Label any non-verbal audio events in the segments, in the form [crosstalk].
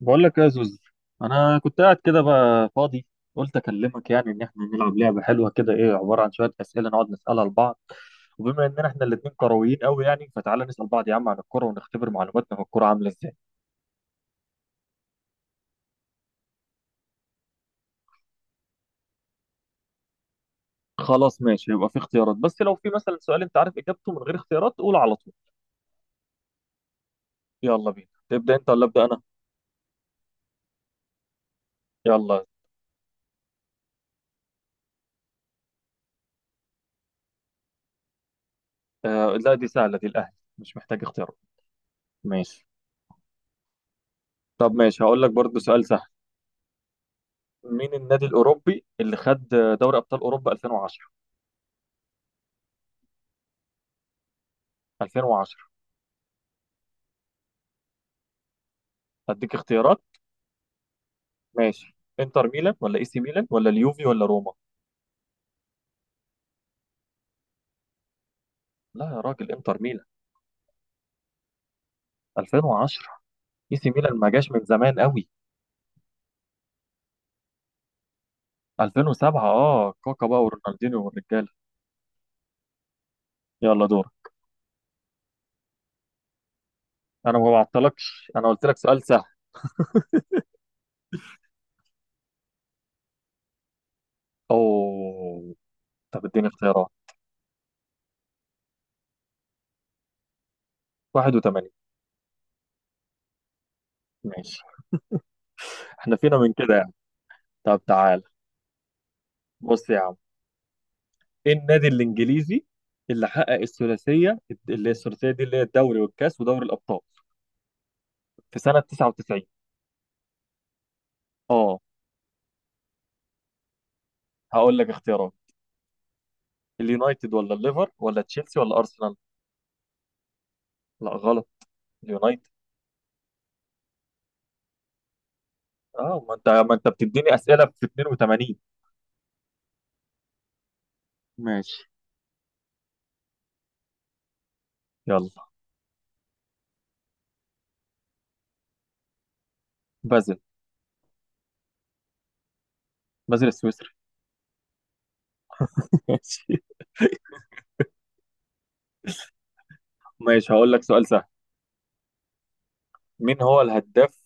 بقول لك إيه يا زوز؟ انا كنت قاعد كده بقى فاضي، قلت اكلمك يعني ان احنا نلعب لعبه حلوه كده، ايه عباره عن شويه اسئله نقعد نسالها لبعض، وبما اننا احنا الاثنين كرويين قوي يعني فتعالى نسال بعض يا عم عن الكوره ونختبر معلوماتنا في الكوره عامله ازاي. خلاص ماشي، يبقى في اختيارات، بس لو في مثلا سؤال انت عارف اجابته من غير اختيارات قول على طول. يلا بينا، تبدا انت ولا ابدا انا؟ يلا. آه، لا دي سهله، دي الاهلي، مش محتاج اختيارات. ماشي. طب ماشي، هقول لك برضو سؤال سهل. مين النادي الاوروبي اللي خد دوري ابطال اوروبا 2010؟ 2010، هديك اختيارات. ماشي، انتر ميلان ولا اي سي ميلان ولا اليوفي ولا روما؟ لا يا راجل، انتر ميلان. 2010 اي سي ميلان ما جاش من زمان قوي. 2007، اه كاكا بقى ورونالدينيو والرجاله. يلا دور. انا ما بعطلكش، انا قلت لك سؤال سهل. اوه، طب اديني اختيارات. 81. ماشي، احنا فينا من كده يعني. طب تعال، بص يا عم، ايه النادي الانجليزي اللي حقق الثلاثيه، اللي هي الثلاثيه دي اللي هي الدوري والكاس ودوري الابطال، في سنه 99؟ اه، هقول لك اختيارات. اليونايتد ولا الليفر ولا تشيلسي ولا ارسنال؟ لا غلط، اليونايتد. اه ما انت ما انت بتديني اسئله في 82. ماشي. يلا، بازل. بازل السويسري. [laughs] ماشي. هقول لك سؤال سهل. مين هو الهداف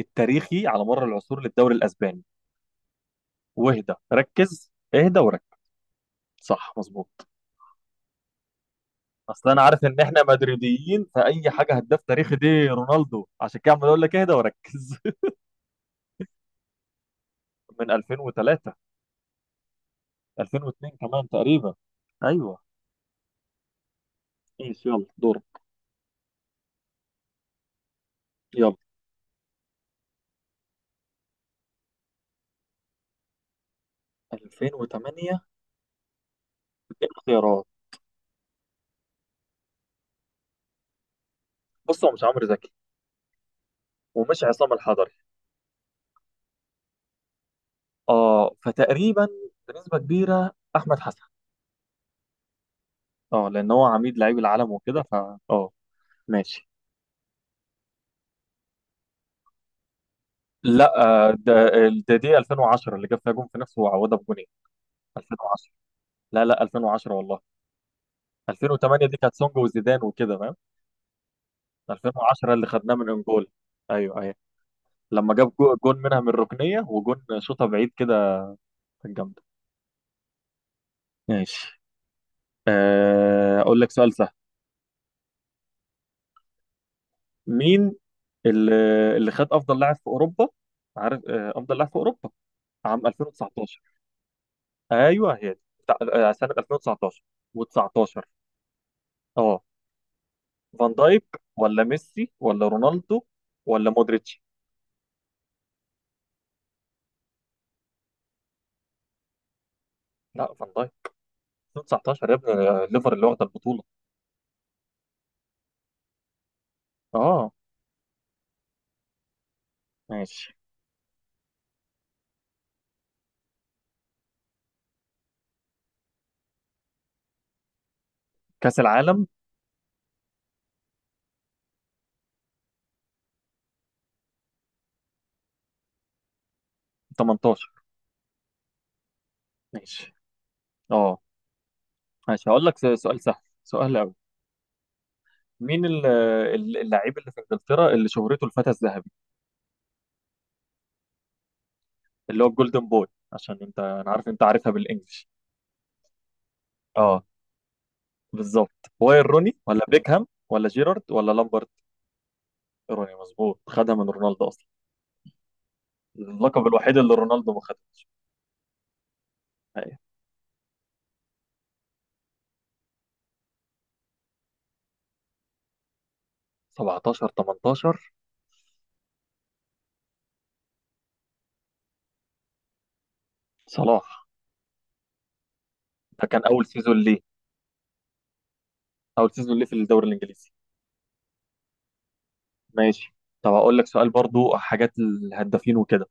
التاريخي على مر العصور للدوري الاسباني؟ واهدى ركز، اهدى وركز. صح مظبوط. اصل انا عارف ان احنا مدريديين، فاي حاجه هداف تاريخي دي رونالدو، عشان كده عمال اقول لك اهدى وركز. [laughs] من 2003. 2002 كمان تقريبا. ايوه. ماشي يلا دور. يلا. 2008. ايه الاختيارات؟ بص، هو مش عمرو زكي ومش عصام الحضري. اه، فتقريبا بنسبة كبيرة احمد حسن. اه لان هو عميد لعيب العالم وكده، ف اه ماشي. لا، ده دي 2010 اللي جاب فيها جون في نفسه وعوضها بجونين. 2010. لا، 2010 والله. 2008 دي كانت سونج وزيدان وكده فاهم. 2010 اللي خدناه من انجول. ايوه ايوه. لما جاب جون منها من الركنية وجون شوطة بعيد كده. كانت جامدة. ماشي. اقول لك سؤال سهل. مين اللي اللي خد افضل لاعب في اوروبا؟ عارف، افضل لاعب في اوروبا عام 2019. ايوه هي دي سنه 2019 و19. اه، فان دايك ولا ميسي ولا رونالدو ولا مودريتش؟ لا، فان دايك. 2019 يا ابني، ليفر اللي واخده البطوله. اه ماشي. كاس العالم 18. ماشي. اه ماشي، هقول لك سؤال سهل، سؤال قوي. مين اللاعب اللي في انجلترا اللي شهرته الفتى الذهبي، اللي هو الجولدن بوي؟ عشان انت، انا عارف انت عارفها بالانجلش. اه بالظبط. واير روني ولا بيكهام ولا جيرارد ولا لامبرت؟ روني. مظبوط، خدها من رونالدو اصلا، اللقب الوحيد اللي رونالدو ما خدها. أيوة. 17 18. صلاح. ده كان اول سيزون ليه، اول سيزون ليه في الدوري الانجليزي. ماشي. طب اقول لك سؤال برضو، حاجات الهدافين وكده.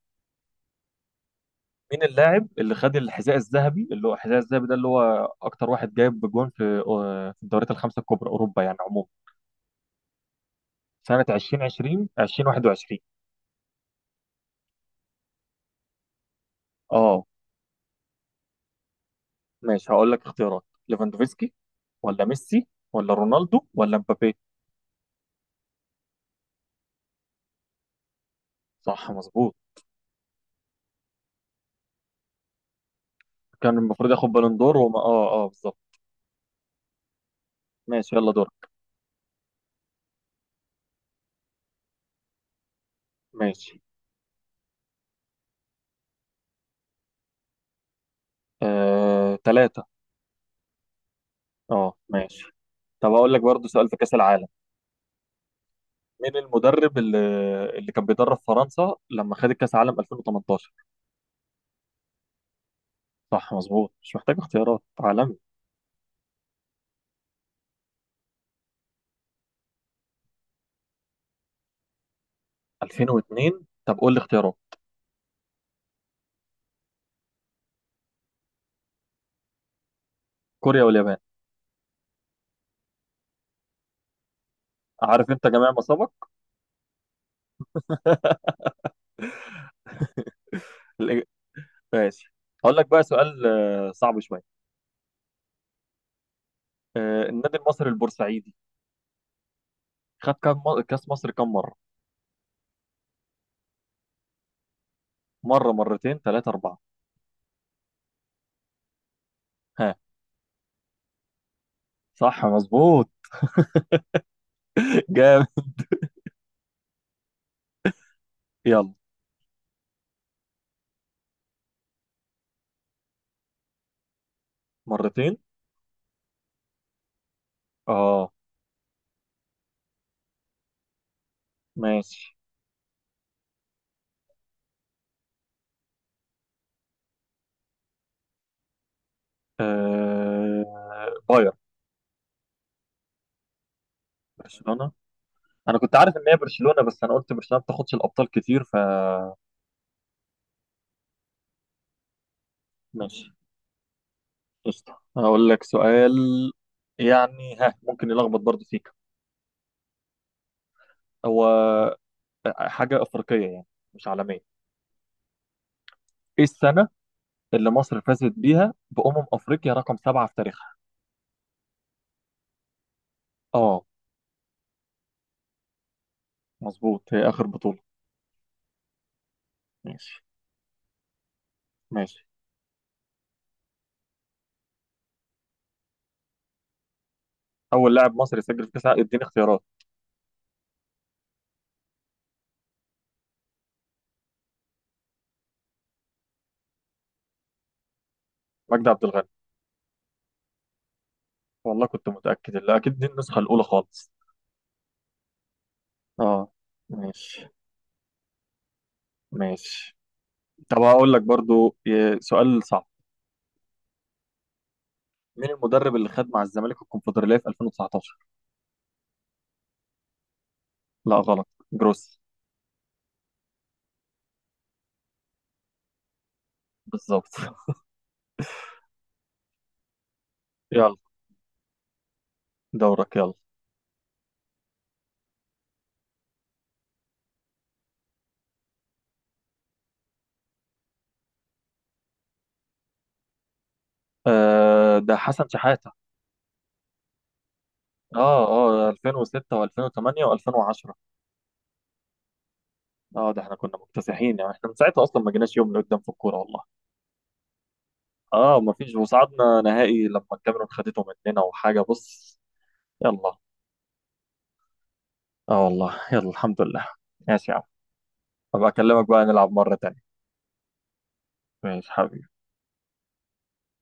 مين اللاعب اللي خد الحذاء الذهبي، اللي هو الحذاء الذهبي ده اللي هو اكتر واحد جايب بجوان في، في الدوريات الخمسه الكبرى اوروبا يعني عموما، سنة 2020 2021؟ اه ماشي، هقول لك اختيارات. ليفاندوفسكي ولا ميسي ولا رونالدو ولا مبابي؟ صح مظبوط. كان المفروض ياخد بالون دور، وما اه اه بالظبط. ماشي يلا دور. ماشي. آه... ثلاثة. اه ماشي. طب هقول لك برضه سؤال في كأس العالم. مين المدرب اللي كان بيدرب فرنسا لما خدت كأس العالم 2018؟ صح مظبوط، مش محتاج اختيارات عالمي. 2002. طب قول لي اختيارات. كوريا واليابان. عارف انت جميع ما سبق. [laughs] ماشي. هقول لك بقى سؤال صعب شويه. النادي المصري البورسعيدي خد كام كاس مصر كام مره؟ مره، مرتين، ثلاثه، اربعه؟ ها. صح مظبوط. [laughs] جامد. يلا. مرتين. اه ماشي. آه... باير. برشلونه. انا كنت عارف ان هي برشلونه، بس انا قلت برشلونه ما بتاخدش الابطال كتير. فماشي. قشطه هقول لك سؤال يعني، ها ممكن يلخبط برضه فيك. هو حاجه افريقيه يعني، مش عالميه. ايه السنه اللي مصر فازت بيها بأمم أفريقيا رقم سبعة في تاريخها؟ اه مظبوط، هي آخر بطولة. ماشي. ماشي. أول لاعب مصري سجل في كأس العالم. اديني اختيارات. مجدي عبد الغني. والله كنت متأكد، اللي أكيد دي النسخة الأولى خالص. اه ماشي. ماشي. طب هقول لك برضو سؤال صعب. مين المدرب اللي خد مع الزمالك الكونفدرالية في 2019؟ لا غلط. جروس. بالظبط. [laughs] يلا دورك. يلا. آه ده حسن شحاتة. اه اه 2006 و2008 و2010. اه ده احنا كنا مكتسحين يعني، احنا من ساعتها اصلا ما جيناش يوم لقدام في الكوره والله. اه ما فيش، وصعدنا نهائي لما الكاميرون خدته مننا وحاجه، بص. يلا. اه والله، يلا الحمد لله. ماشي يا عم، ابقى اكلمك بقى نلعب مره تانية. ماشي حبيبي.